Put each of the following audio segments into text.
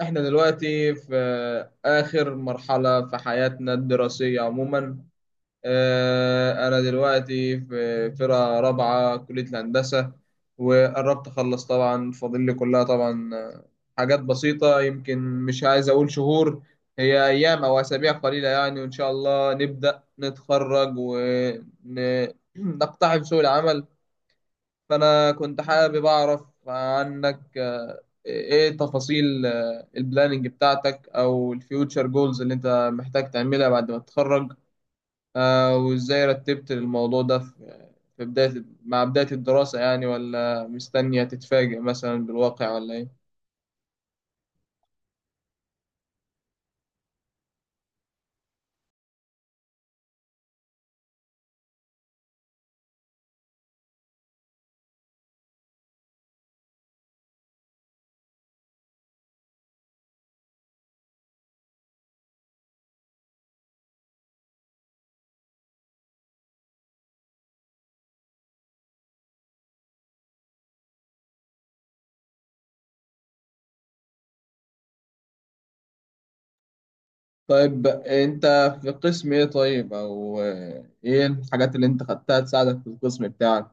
احنا دلوقتي في اخر مرحلة في حياتنا الدراسية عموما. انا دلوقتي في فرقة رابعة كلية الهندسة وقربت اخلص طبعا، فاضل لي كلها طبعا. حاجات بسيطة، يمكن مش عايز اقول شهور، هي ايام او اسابيع قليلة يعني، وان شاء الله نبدأ نتخرج ونقتحم سوق العمل. فأنا كنت حابب أعرف عنك إيه تفاصيل البلاننج بتاعتك أو الفيوتشر جولز اللي أنت محتاج تعملها بعد ما تتخرج، وإزاي رتبت الموضوع ده في بداية مع بداية الدراسة يعني، ولا مستنية تتفاجئ مثلا بالواقع ولا إيه؟ طيب أنت في قسم إيه؟ طيب أو إيه الحاجات اللي أنت خدتها تساعدك في القسم بتاعك؟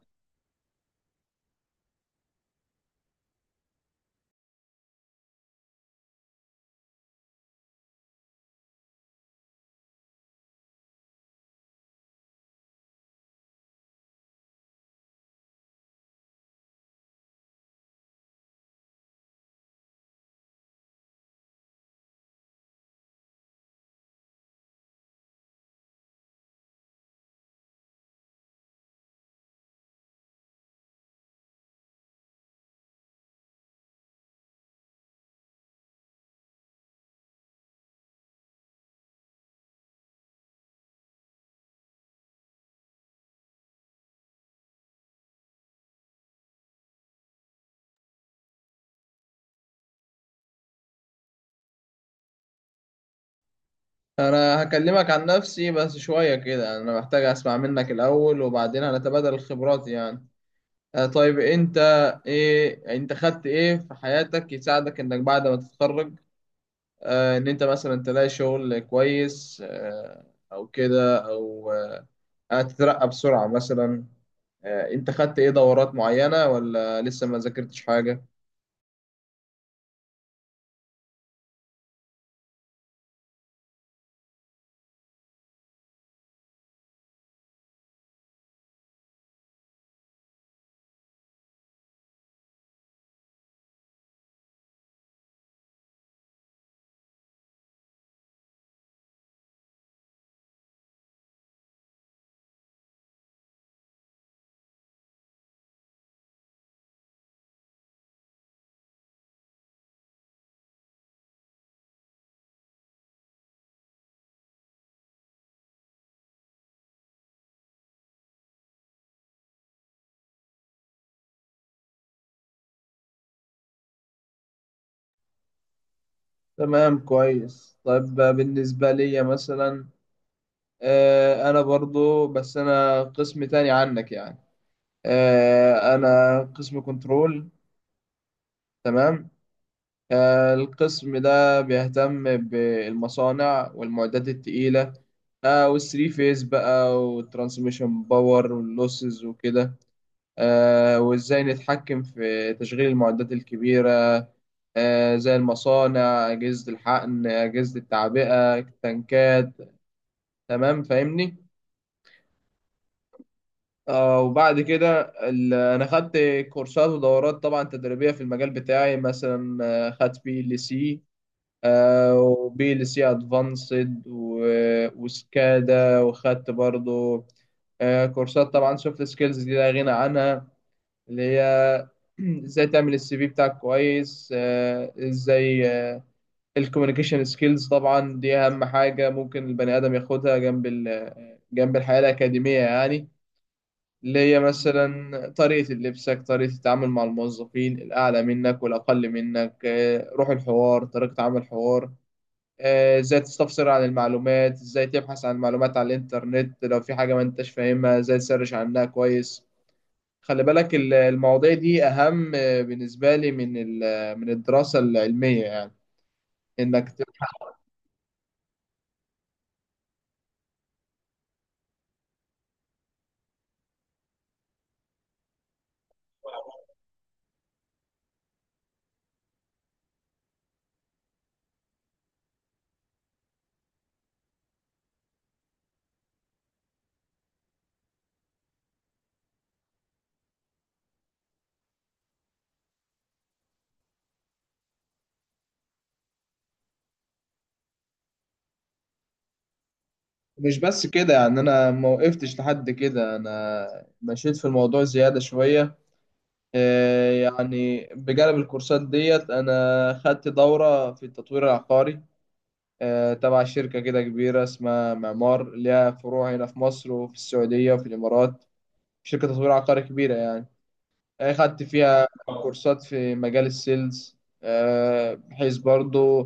انا هكلمك عن نفسي بس شوية كده، انا محتاج اسمع منك الاول وبعدين هنتبادل الخبرات يعني. طيب انت ايه، انت خدت ايه في حياتك يساعدك انك بعد ما تتخرج، ان انت مثلا تلاقي شغل كويس او كده او تترقى بسرعة مثلا، انت خدت ايه دورات معينة ولا لسه ما ذاكرتش حاجة؟ تمام كويس طيب. بالنسبة لي مثلا، انا برضو، بس انا قسم تاني عنك يعني، انا قسم كنترول. تمام. القسم ده بيهتم بالمصانع والمعدات التقيلة، والثري فيز بقى والترانسميشن باور واللوسز وكده، وازاي نتحكم في تشغيل المعدات الكبيرة، زي المصانع، أجهزة الحقن، أجهزة التعبئة، التنكات. تمام فاهمني. وبعد كده انا خدت كورسات ودورات طبعا تدريبيه في المجال بتاعي، مثلا خدت PLC وبي ال سي ادفانسد وسكادا، وخدت برضو كورسات طبعا. سوفت سكيلز دي لا غنى عنها، اللي هي ازاي تعمل CV بتاعك كويس. ازاي الكوميونيكيشن سكيلز طبعا، دي اهم حاجه ممكن البني ادم ياخدها جنب الحياه الاكاديميه يعني، اللي هي مثلا طريقة لبسك، طريقة التعامل مع الموظفين الأعلى منك والأقل منك، روح الحوار، طريقة عمل الحوار، ازاي تستفسر عن المعلومات، ازاي تبحث عن المعلومات على الإنترنت لو في حاجة ما انتش فاهمها ازاي تسرش عنها كويس. خلي بالك المواضيع دي أهم بالنسبة لي من من الدراسة العلمية يعني. إنك ت- مش بس كده يعني، أنا ما وقفتش لحد كده، أنا مشيت في الموضوع زيادة شوية. يعني بجانب الكورسات ديت أنا خدت دورة في التطوير العقاري، تبع شركة كده كبيرة اسمها معمار، ليها فروع هنا في مصر وفي السعودية وفي الإمارات، شركة تطوير عقاري كبيرة يعني. خدت فيها كورسات في مجال السيلز، بحيث برضو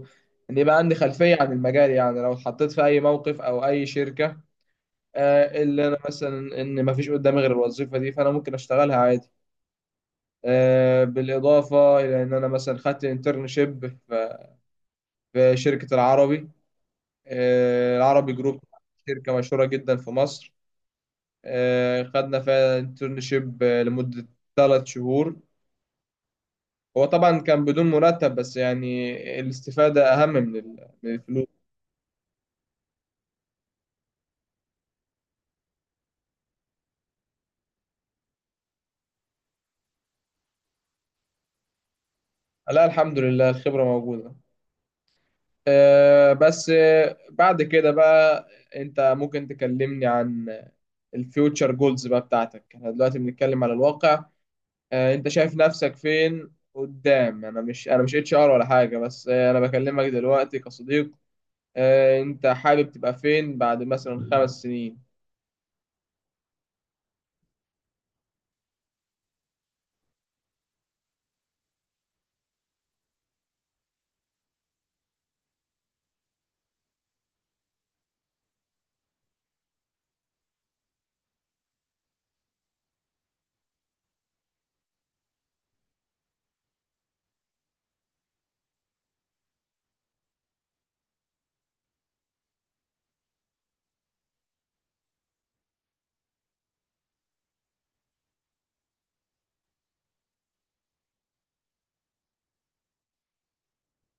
إن يبقى عندي خلفية عن المجال يعني، لو اتحطيت في أي موقف أو أي شركة، اللي أنا مثلا إن مفيش قدامي غير الوظيفة دي، فأنا ممكن أشتغلها عادي. بالإضافة إلى إن أنا مثلا خدت انترنشيب في شركة العربي، العربي جروب، شركة مشهورة جدا في مصر. خدنا فيها انترنشيب لمدة 3 شهور. هو طبعا كان بدون مرتب، بس يعني الاستفادة أهم من من الفلوس. لا الحمد لله الخبرة موجودة. بس بعد كده بقى، أنت ممكن تكلمني عن الفيوتشر جولز بقى بتاعتك. احنا دلوقتي بنتكلم على الواقع. انت شايف نفسك فين قدام؟ انا مش HR ولا حاجه، بس انا بكلمك دلوقتي كصديق. انت حابب تبقى فين بعد مثلا 5 سنين؟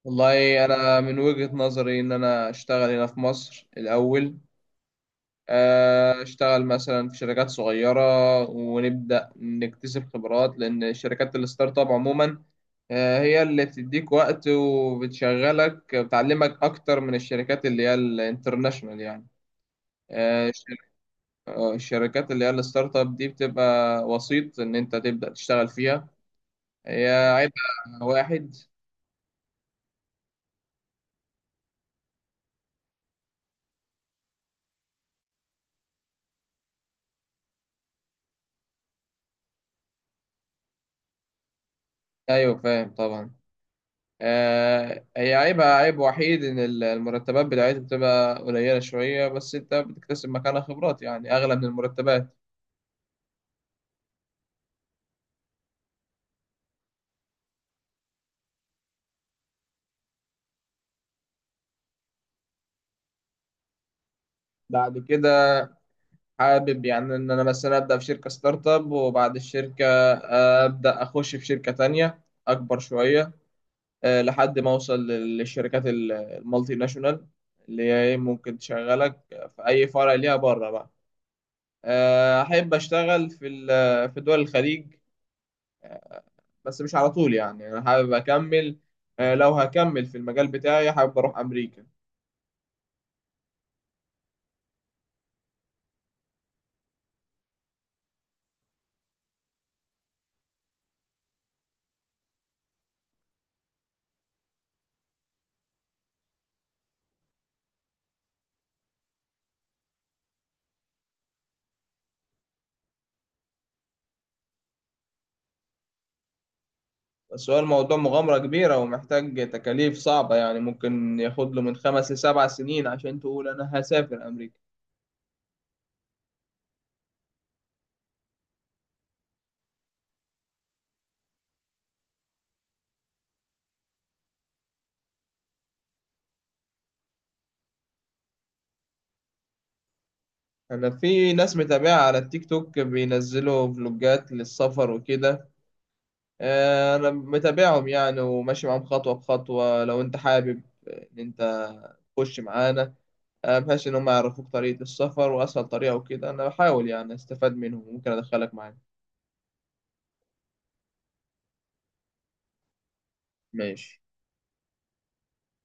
والله انا من وجهة نظري ان انا اشتغل هنا في مصر الاول، اشتغل مثلا في شركات صغيره ونبدا نكتسب خبرات، لان شركات الستارت اب عموما هي اللي بتديك وقت وبتشغلك بتعلمك اكتر من الشركات اللي هي الانترناشونال يعني. آه، الشركات اللي هي الستارت اب دي بتبقى وسيط ان انت تبدأ تشتغل فيها. هي عيبها واحد، ايوه فاهم طبعا. هي عيبها عيب وحيد ان المرتبات بتاعتها بتبقى قليلة شوية، بس انت بتكتسب مكانها خبرات يعني اغلى من المرتبات. بعد كده حابب يعني ان انا مثلا ابدا في شركة ستارت اب، وبعد الشركة ابدا اخش في شركة تانية اكبر شوية، لحد ما اوصل للشركات المالتي ناشونال، اللي هي إيه، ممكن تشغلك في اي فرع ليها بره بقى. احب اشتغل في في دول الخليج، بس مش على طول يعني. انا حابب اكمل، لو هكمل في المجال بتاعي حابب اروح امريكا. بس هو الموضوع مغامرة كبيرة ومحتاج تكاليف صعبة يعني، ممكن ياخد له من 5 لـ7 سنين عشان تقول انا هسافر امريكا. انا في ناس متابعة على التيك توك بينزلوا فلوجات للسفر وكده، انا متابعهم يعني وماشي معاهم خطوه بخطوه، لو انت حابب ان انت تخش معانا بحيث ان هم يعرفوك طريقه السفر واسهل طريقه وكده، انا بحاول يعني استفاد منهم، ممكن ادخلك معايا. ماشي.